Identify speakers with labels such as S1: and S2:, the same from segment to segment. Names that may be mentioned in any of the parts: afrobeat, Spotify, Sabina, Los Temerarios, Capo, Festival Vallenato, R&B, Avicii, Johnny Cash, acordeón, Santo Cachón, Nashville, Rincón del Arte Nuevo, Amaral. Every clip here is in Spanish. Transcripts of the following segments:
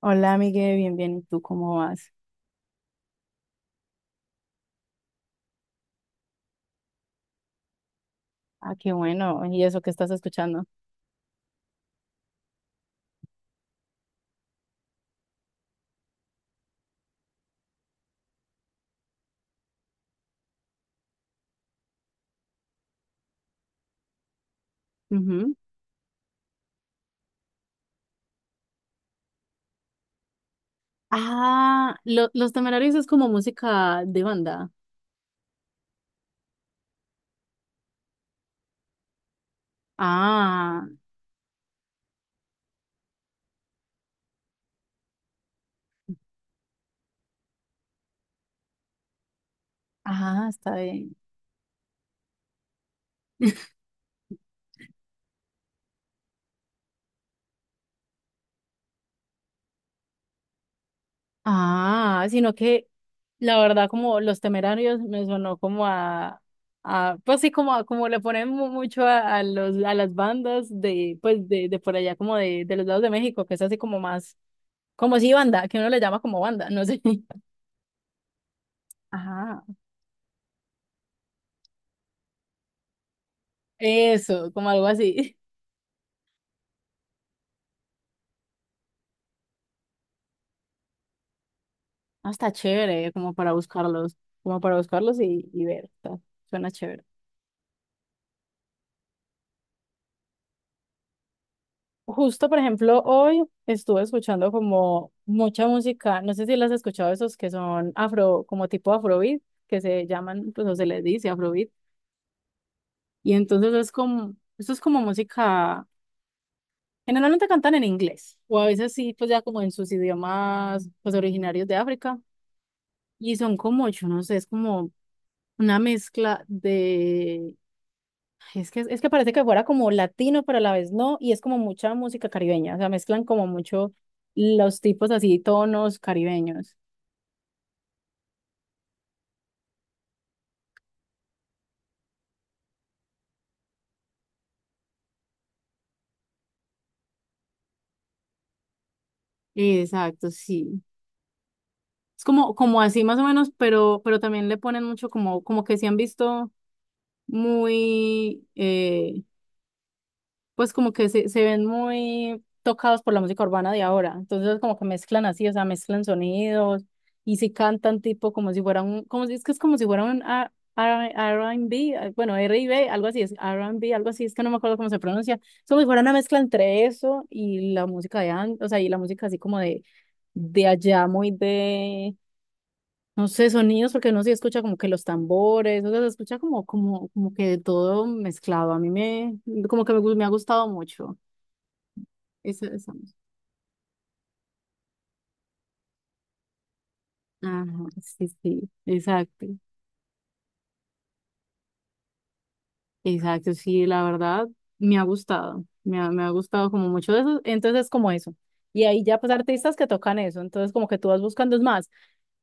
S1: Hola, Miguel, bien, bien. ¿Y tú cómo vas? Ah, qué bueno. ¿Y eso que estás escuchando? Ujú. Los Temerarios es como música de banda. Ah, ah, está bien. Ah, sino que la verdad como Los Temerarios me sonó como a pues sí, como le ponen mucho a los a las bandas de pues de por allá como de los lados de México, que es así como más como si banda, que uno le llama como banda, no sé. Ajá. Eso, como algo así. Ah, está chévere, como para buscarlos y ver, suena chévere. Justo, por ejemplo, hoy estuve escuchando como mucha música, no sé si las has escuchado esos que son afro, como tipo afrobeat, que se llaman, pues o se les dice afrobeat, y entonces es como, eso es como música, generalmente cantan en inglés, o a veces sí, pues ya como en sus idiomas, pues originarios de África, y son como, yo no sé, es como una mezcla. Es que parece que fuera como latino, pero a la vez no, y es como mucha música caribeña, o sea, mezclan como mucho los tipos así, tonos caribeños. Exacto, sí. Es como, como así más o menos, pero también le ponen mucho como, como que se han visto muy, pues como que se ven muy tocados por la música urbana de ahora. Entonces como que mezclan así, o sea, mezclan sonidos y si cantan tipo como si fuera un, como si es que es como si fuera un R&B, ah, bueno, r y b algo así es, r and b algo así, es que no me acuerdo cómo se pronuncia. Es como si fuera una mezcla entre eso y la música de antes, o sea, y la música así como de allá, muy de... No sé, sonidos, porque no se escucha como que los tambores, o sea, se escucha como, como, como que todo mezclado. A mí me, como que me, me ha gustado mucho. Esa, esa. Ajá, sí, sí, exacto, exacto, sí, la verdad me ha gustado como mucho de eso, entonces como eso, y ahí ya pues artistas que tocan eso, entonces como que tú vas buscando es más,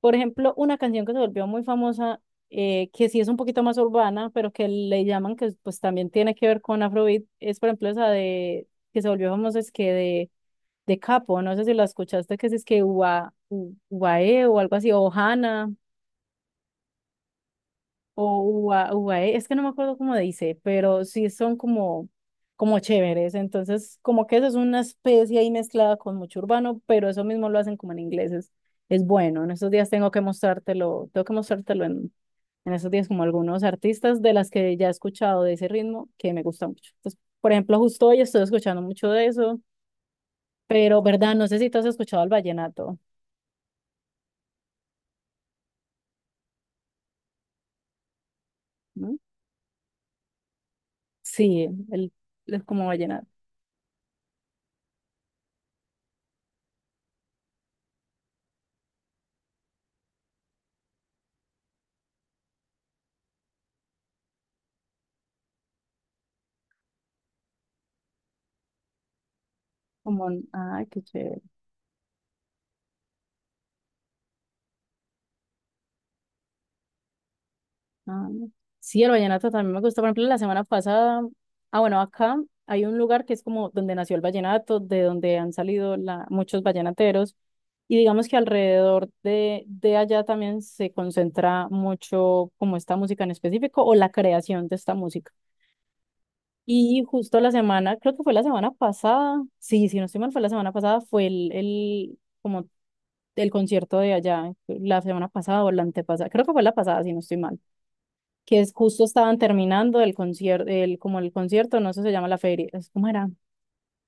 S1: por ejemplo, una canción que se volvió muy famosa, que sí es un poquito más urbana, pero que le llaman que pues también tiene que ver con Afrobeat, es por ejemplo esa de, que se volvió famosa es que de Capo, no sé si la escuchaste, que es que Ua, Uae o algo así, o Hana, O UA, UAE, es que no me acuerdo cómo dice, pero sí son como, como chéveres. Entonces, como que eso es una especie ahí mezclada con mucho urbano, pero eso mismo lo hacen como en inglés. Es bueno. En estos días tengo que mostrártelo en estos días como algunos artistas de las que ya he escuchado de ese ritmo que me gusta mucho. Entonces, por ejemplo, justo hoy estoy escuchando mucho de eso, pero verdad, no sé si tú has escuchado el vallenato, ¿no? Sí, el como vallenato, como, ay, qué chévere. Ah, sí, el vallenato también me gusta. Por ejemplo, la semana pasada, ah, bueno, acá hay un lugar que es como donde nació el vallenato, de donde han salido la, muchos vallenateros, y digamos que alrededor de allá también se concentra mucho como esta música en específico o la creación de esta música. Y justo la semana, creo que fue la semana pasada, sí, si no estoy mal, fue la semana pasada, fue el, como el concierto de allá, la semana pasada o la antepasada, creo que fue la pasada, si no estoy mal, que es justo estaban terminando el concierto, el, como el concierto, no sé, se llama la feria, ¿cómo era? Yo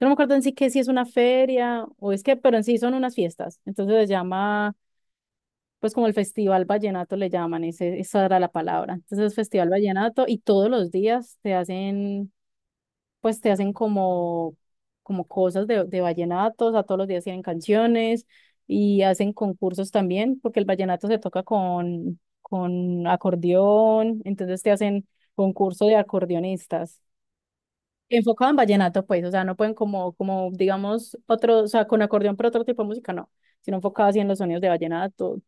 S1: no me acuerdo en sí que si es una feria o es que, pero en sí son unas fiestas, entonces se llama, pues como el Festival Vallenato le llaman, ese, esa era la palabra, entonces es Festival Vallenato y todos los días te hacen pues te hacen como, como cosas de vallenatos, a todos los días tienen canciones y hacen concursos también, porque el vallenato se toca con acordeón, entonces te hacen concurso de acordeonistas. Enfocado en vallenato, pues, o sea, no pueden como, como, digamos, otro, o sea, con acordeón, pero otro tipo de música, no, sino enfocado así en los sonidos de vallenato.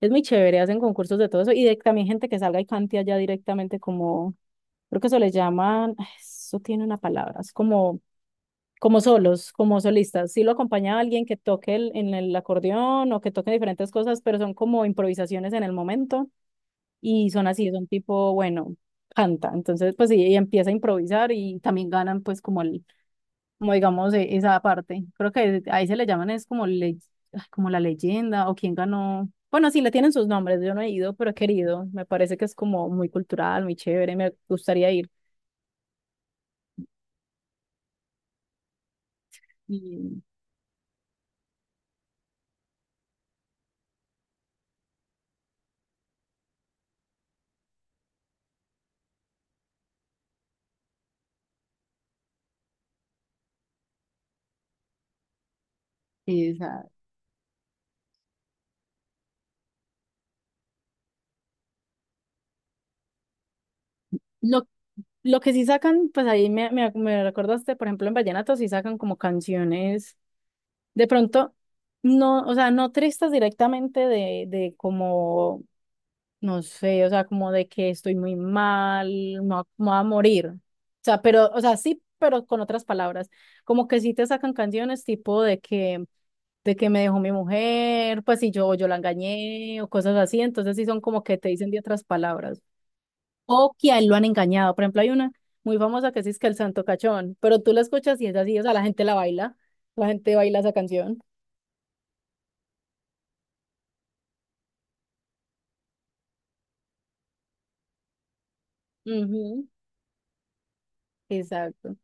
S1: Es muy chévere, hacen concursos de todo eso y de, también gente que salga y cante allá directamente como, creo que eso les llaman, eso tiene una palabra, es como, como solos, como solistas. Sí lo acompaña alguien que toque en el acordeón o que toque diferentes cosas, pero son como improvisaciones en el momento y son así, son tipo, bueno, canta. Entonces, pues sí, ella empieza a improvisar y también ganan pues como el, como digamos, esa parte. Creo que ahí se le llaman es como, le, ay, como la leyenda o quién ganó. Bueno, sí, le tienen sus nombres, yo no he ido, pero he querido. Me parece que es como muy cultural, muy chévere, me gustaría ir. Y, exacto. Lo que sí sacan, pues ahí me recordaste, por ejemplo, en vallenato sí sacan como canciones, de pronto, no, o sea, no tristes directamente de como, no sé, o sea, como de que estoy muy mal, me voy a morir. O sea, pero, o sea, sí, pero con otras palabras, como que sí te sacan canciones tipo de que me dejó mi mujer, pues si yo, yo la engañé o cosas así, entonces sí son como que te dicen de otras palabras o que a él lo han engañado. Por ejemplo, hay una muy famosa que sí es que el Santo Cachón, pero tú la escuchas y es así, o sea, la gente la baila, la gente baila esa canción. Ujú, exacto.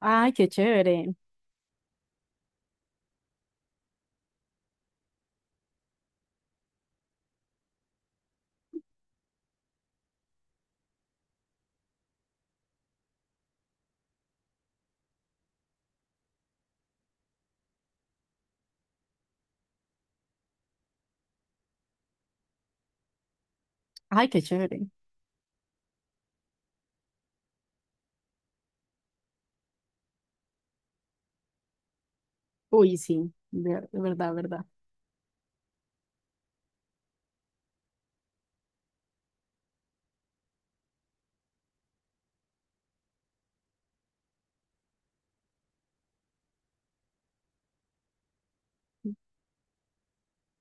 S1: Ay, qué chévere. Ay, qué chévere. Uy, sí, de verdad, verdad.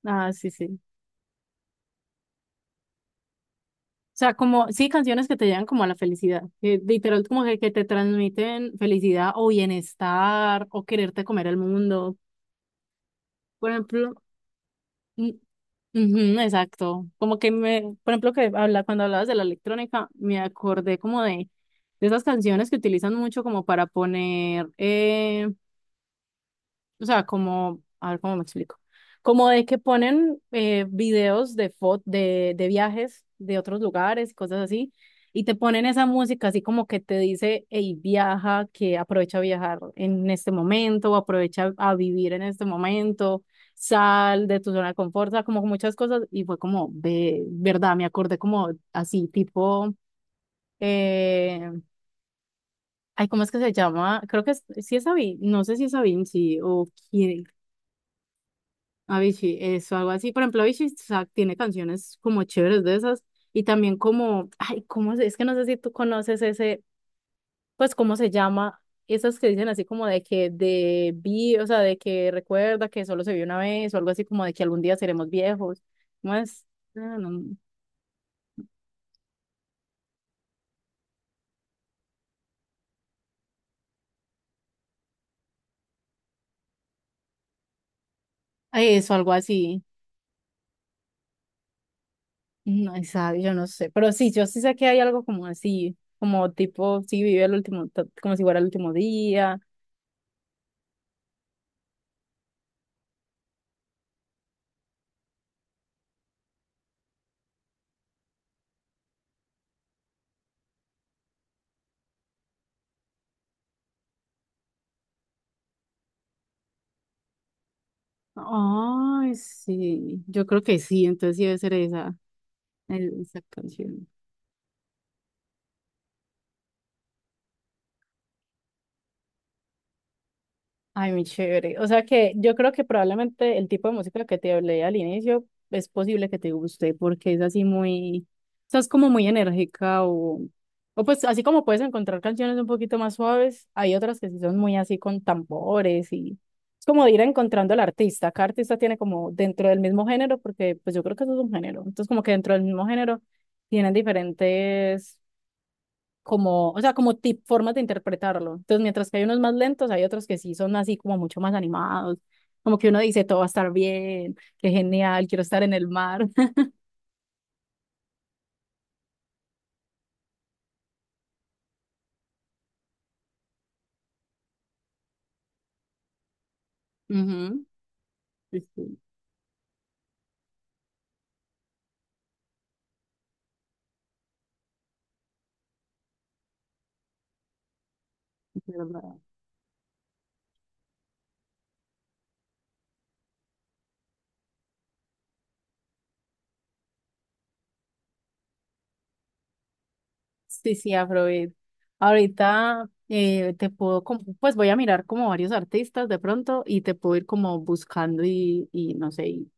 S1: Ah, sí, sí. O sea, como, sí, canciones que te llevan como a la felicidad, que literal como que te transmiten felicidad o bienestar o quererte comer el mundo. Por ejemplo, mm, ujú, exacto. Como que me, por ejemplo, que habla, cuando hablabas de la electrónica, me acordé como de esas canciones que utilizan mucho como para poner, o sea, como, a ver cómo me explico. Como de que ponen videos de, de viajes de otros lugares, cosas así, y te ponen esa música así como que te dice, hey, viaja, que aprovecha a viajar en este momento, o aprovecha a vivir en este momento, sal de tu zona de confort, o sea, como muchas cosas, y fue como, de verdad, me acordé como así, tipo, eh, ay, ¿cómo es que se llama? Creo que es, sí es Sabine, no sé si es Sabine, sí, o quién, Avicii, eso, algo así. Por ejemplo, Avicii, o sea, tiene canciones como chéveres de esas y también como, ay, es que no sé si tú conoces ese, pues, ¿cómo se llama? Esas que dicen así como de que de vi, o sea, de que recuerda que solo se vio una vez o algo así como de que algún día seremos viejos. ¿Cómo es? Ah, no, eso, algo así. No, esa, yo no sé, pero sí, yo sí sé que hay algo como así, como tipo, sí, vive el último, como si fuera el último día. Ay, sí, yo creo que sí, entonces sí debe ser esa, esa canción. Ay, muy chévere. O sea que yo creo que probablemente el tipo de música que te hablé al inicio es posible que te guste porque es así muy, o sea, es como muy enérgica o pues así como puedes encontrar canciones un poquito más suaves, hay otras que sí son muy así con tambores y es como de ir encontrando al artista. Cada artista tiene como dentro del mismo género porque pues yo creo que eso es un género. Entonces como que dentro del mismo género tienen diferentes como, o sea, como tip, formas de interpretarlo. Entonces, mientras que hay unos más lentos, hay otros que sí son así como mucho más animados, como que uno dice, todo va a estar bien, qué genial, quiero estar en el mar. Ujú, sí, sí, es verdad. Sí, sí, Afrobeat. Ahorita te puedo, pues voy a mirar como varios artistas de pronto y te puedo ir como buscando y no sé,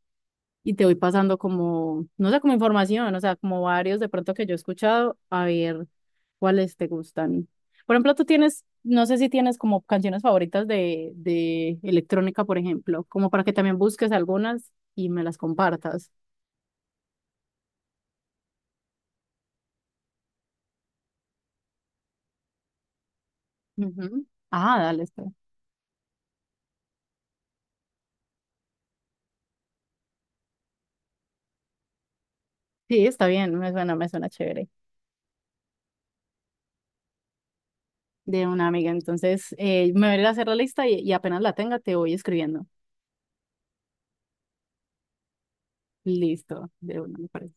S1: y te voy pasando como, no sé, como información, o sea, como varios de pronto que yo he escuchado, a ver ¿cuáles te gustan? Por ejemplo, tú tienes, no sé si tienes como canciones favoritas de electrónica, por ejemplo, como para que también busques algunas y me las compartas. Ujú. Ah, dale, está. Sí, está bien, me suena chévere. De una amiga, entonces me voy a ir a hacer la lista y apenas la tenga te voy escribiendo. Listo, de una, me parece.